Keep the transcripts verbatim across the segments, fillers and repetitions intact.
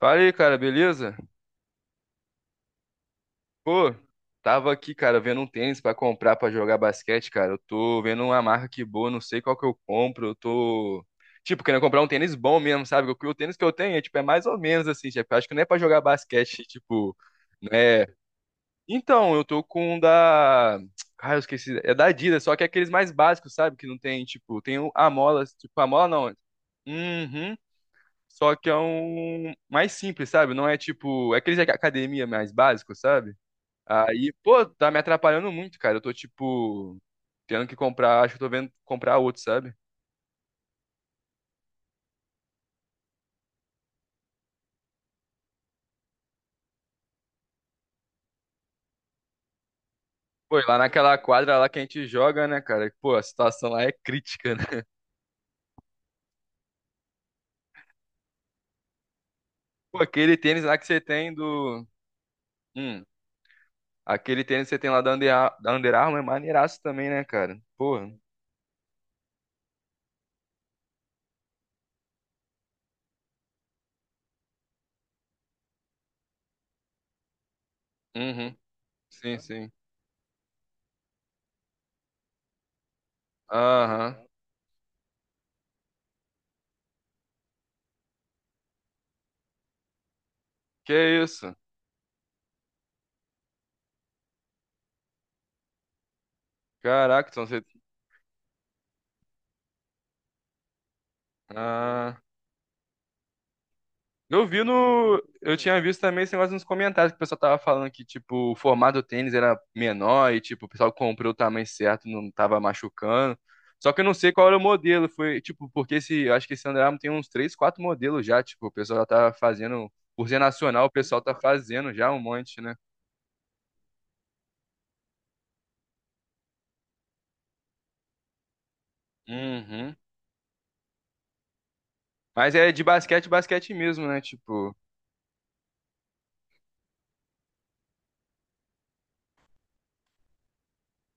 Fala aí, cara, beleza? Pô, tava aqui, cara, vendo um tênis pra comprar pra jogar basquete, cara. Eu tô vendo uma marca que boa, não sei qual que eu compro. Eu tô, tipo, querendo comprar um tênis bom mesmo, sabe? O, o tênis que eu tenho é, tipo, é mais ou menos assim, tipo, eu acho que não é pra jogar basquete, tipo, né? Então, eu tô com um da. Ah, eu esqueci. É da Adidas, só que é aqueles mais básicos, sabe? Que não tem, tipo, tem o- a mola, tipo, a mola não. Uhum. Só que é um mais simples, sabe? Não é tipo. É aquele de academia mais básico, sabe? Aí, pô, tá me atrapalhando muito, cara. Eu tô, tipo, tendo que comprar. Acho que eu tô vendo comprar outro, sabe? Pô, e lá naquela quadra lá que a gente joga, né, cara? Pô, a situação lá é crítica, né? Pô, aquele tênis lá que você tem do. Hum, aquele tênis que você tem lá da Under, Ar- da Under Armour é maneiraço também, né, cara? Porra. Uhum. Sim, sim. Aham. Que isso? Caraca, então você. Ah. Eu vi no. Eu tinha visto também esse negócio nos comentários que o pessoal tava falando que, tipo, o formato do tênis era menor e, tipo, o pessoal comprou o tamanho certo, não tava machucando. Só que eu não sei qual era o modelo. Foi, tipo, porque esse. Eu acho que esse Under Armour tem uns três, quatro modelos já. Tipo, o pessoal já tá fazendo. Por ser nacional, o pessoal tá fazendo já um monte, né? Uhum. Mas é de basquete, basquete mesmo, né? Tipo.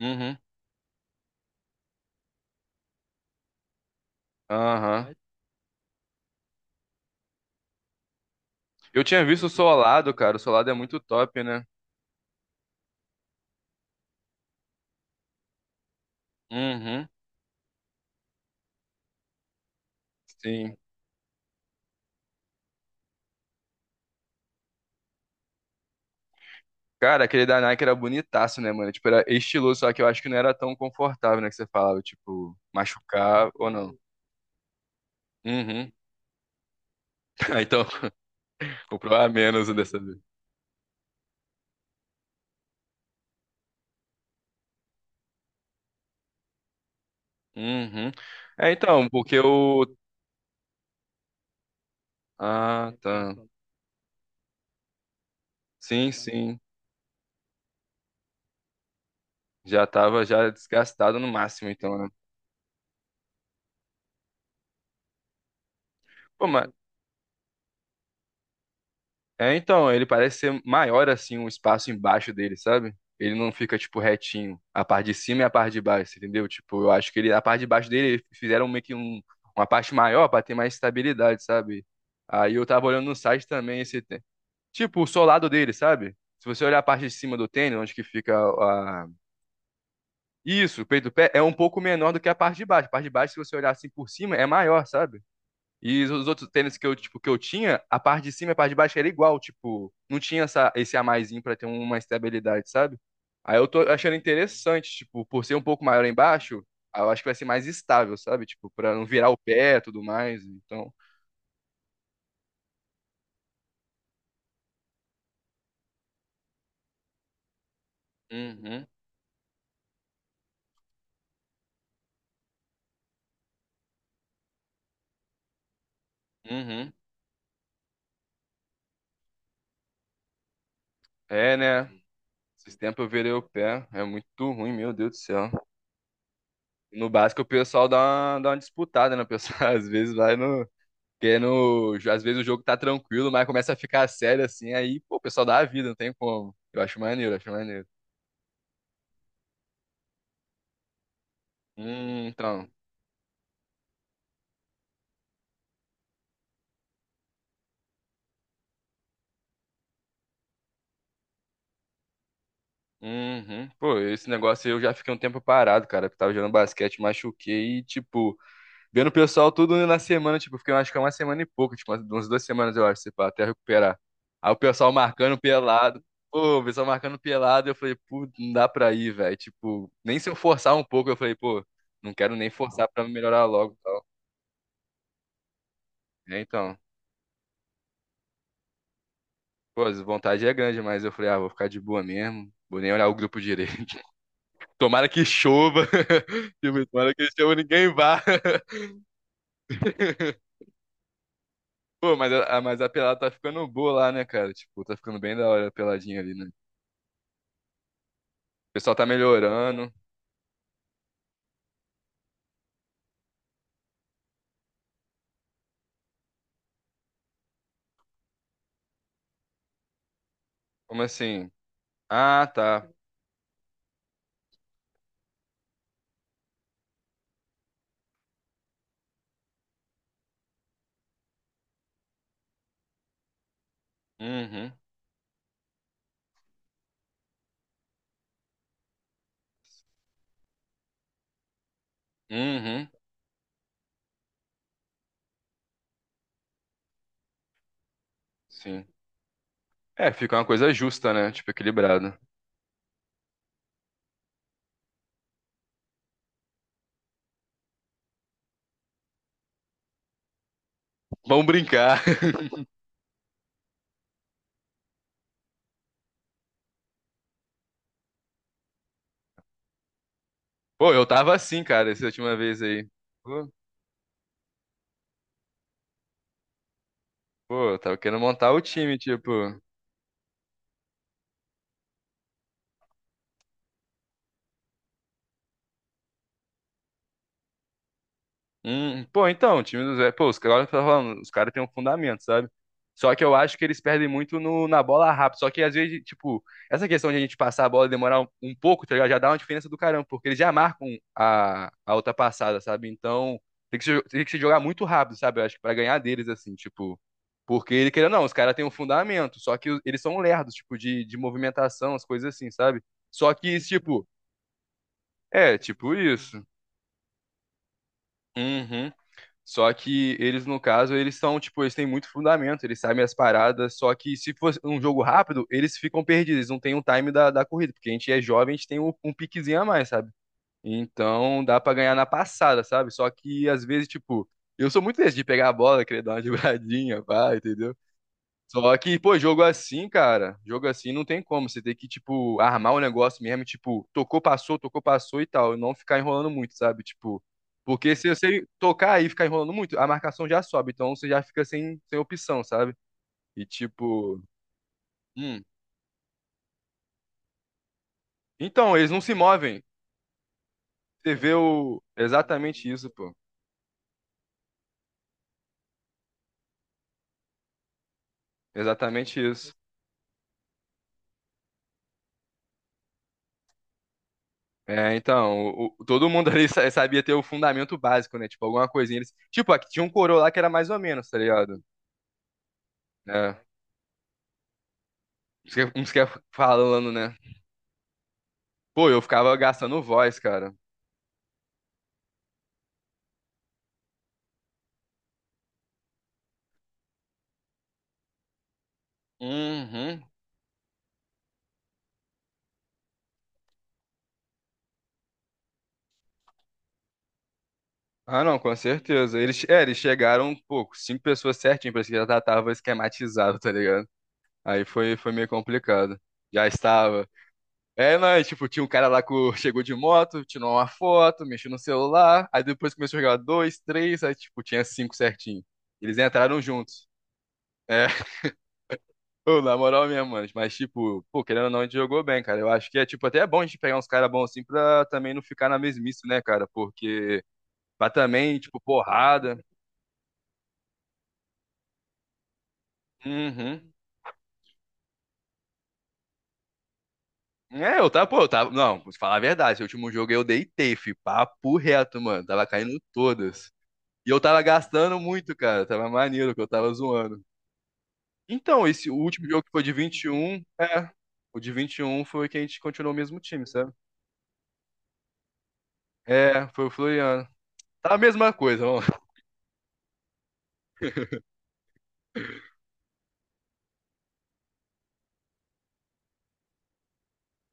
Uhum. Aham. Eu tinha visto o Solado, cara. O Solado é muito top, né? Uhum. Sim. Cara, aquele da Nike era bonitaço, né, mano? Tipo, era estiloso, só que eu acho que não era tão confortável, né, que você falava, tipo, machucar ou não. Uhum. Ah, então, comprou a menos dessa vez. Uhum. É, então, porque o... Ah, tá. Sim, sim. Já tava já desgastado no máximo, então, né? Pô, mas... É, então, ele parece ser maior assim, um espaço embaixo dele, sabe? Ele não fica, tipo, retinho. A parte de cima e a parte de baixo, entendeu? Tipo, eu acho que ele, a parte de baixo dele, eles fizeram meio que um, uma parte maior pra ter mais estabilidade, sabe? Aí eu tava olhando no site também esse. tê- Tipo, o solado dele, sabe? Se você olhar a parte de cima do tênis, onde que fica a. Isso, o peito do pé, é um pouco menor do que a parte de baixo. A parte de baixo, se você olhar assim por cima, é maior, sabe? E os outros tênis que eu, tipo, que eu tinha, a parte de cima e a parte de baixo era igual, tipo, não tinha essa, esse a maisinho pra ter uma estabilidade, sabe? Aí eu tô achando interessante, tipo, por ser um pouco maior embaixo, aí eu acho que vai ser mais estável, sabe? Tipo, pra não virar o pé e tudo mais, então... Uhum, uhum. É, né? Esses tempos eu virei o pé, é muito ruim, meu Deus do céu. No básico o pessoal dá uma, dá uma disputada, né? O pessoal às vezes vai no... Porque no, às vezes o jogo tá tranquilo, mas começa a ficar sério assim, aí, pô, o pessoal dá a vida, não tem como. Eu acho maneiro, acho maneiro. Hum, então. Uhum. Pô, esse negócio aí eu já fiquei um tempo parado, cara, porque tava jogando basquete, machuquei e, tipo, vendo o pessoal tudo na semana, tipo, fiquei, eu acho que é uma semana e pouco, tipo, umas umas duas semanas, eu acho, sei lá, até recuperar. Aí o pessoal marcando pelado. Pô, o pessoal marcando pelado, eu falei, pô, não dá pra ir, velho. Tipo, nem se eu forçar um pouco, eu falei, pô, não quero nem forçar pra melhorar logo. Tal. É, então. Pô, a vontade é grande, mas eu falei, ah, vou ficar de boa mesmo. Vou nem olhar o grupo direito. Tomara que chova. Tipo, tomara que chova, e ninguém vá. Pô, mas a, mas a, pelada tá ficando boa lá, né, cara? Tipo, tá ficando bem da hora a peladinha ali, né? O pessoal tá melhorando. Como assim? Ah, tá. Uhum. Uhum. Sim. É, fica uma coisa justa, né? Tipo, equilibrada. Vamos brincar. Pô, eu tava assim, cara, essa última vez aí. Pô, pô, eu tava querendo montar o time, tipo. Hum, pô, então, o time do Zé, pô, os caras tá falando, os caras têm um fundamento, sabe? Só que eu acho que eles perdem muito no, na bola rápida. Só que às vezes, tipo, essa questão de a gente passar a bola e demorar um, um pouco, tá ligado? Já dá uma diferença do caramba, porque eles já marcam a, a outra passada, sabe? Então, tem que, se, tem que se jogar muito rápido, sabe? Eu acho que pra ganhar deles, assim, tipo. Porque ele querendo, ou não, os caras têm um fundamento, só que o- eles são lerdos, tipo, de, de movimentação, as coisas assim, sabe? Só que, tipo, é, tipo isso. Uhum. Só que eles, no caso, eles são, tipo, eles têm muito fundamento, eles sabem as paradas, só que se for um jogo rápido, eles ficam perdidos, eles não têm o time da, da corrida, porque a gente é jovem, a gente tem um, um piquezinho a mais, sabe? Então dá pra ganhar na passada, sabe? Só que às vezes, tipo, eu sou muito desse de pegar a bola, querer dar uma dribladinha, pá, entendeu? Só que, pô, jogo assim, cara, jogo assim não tem como. Você tem que, tipo, armar o negócio mesmo, tipo, tocou, passou, tocou, passou e tal. E não ficar enrolando muito, sabe? Tipo, porque se você tocar e ficar enrolando muito, a marcação já sobe. Então você já fica sem, sem opção, sabe? E tipo. Hum. Então, eles não se movem. Você vê o. Exatamente isso, pô. Exatamente isso. É, então, o- o- todo mundo ali sa- sabia ter o fundamento básico, né? Tipo, alguma coisinha. Eles... Tipo, aqui tinha um coroa lá que era mais ou menos, tá ligado? É. Isso é- Como você quer falando, né? Pô, eu ficava gastando voz, cara. Uhum. Ah, não, com certeza. Eles, é, eles chegaram, pô, com cinco pessoas certinho, parece que já tá- tava esquematizado, tá ligado? Aí foi, foi meio complicado. Já estava. É, não, e, tipo, tinha um cara lá que chegou de moto, tirou uma foto, mexeu no celular, aí depois começou a jogar dois, três, aí, tipo, tinha cinco certinho. Eles entraram juntos. É, ô, na moral mesmo, mano. Mas, tipo, pô, querendo ou não, a gente jogou bem, cara. Eu acho que é, tipo, até é bom a gente pegar uns caras bons assim pra também não ficar na mesmice, né, cara? Porque pra também, tipo, porrada. Uhum. É, eu tava, pô, eu tava. Não, vou te falar a verdade. Esse último jogo eu deitei, fi. Papo reto, mano. Tava caindo todas. E eu tava gastando muito, cara. Tava maneiro que eu tava zoando. Então, esse último jogo que foi de vinte e um é. O de vinte e um foi que a gente continuou o mesmo time, sabe? É, foi o Floriano. Tá a mesma coisa, ó.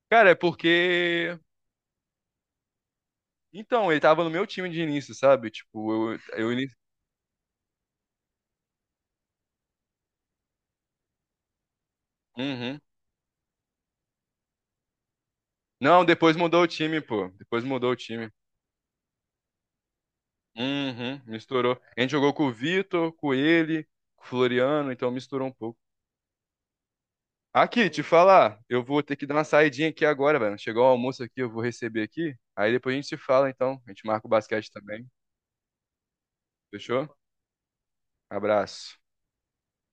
Cara, é porque. Então, ele tava no meu time de início, sabe? Tipo, eu, eu ini-. Uhum. Não, depois mudou o time, pô. Depois mudou o time. Uhum, misturou. A gente jogou com o Vitor, com ele, com o Floriano, então misturou um pouco. Aqui, te falar, eu vou ter que dar uma saidinha aqui agora, velho. Chegou o almoço aqui, eu vou receber aqui. Aí depois a gente se fala, então. A gente marca o basquete também. Fechou? Abraço.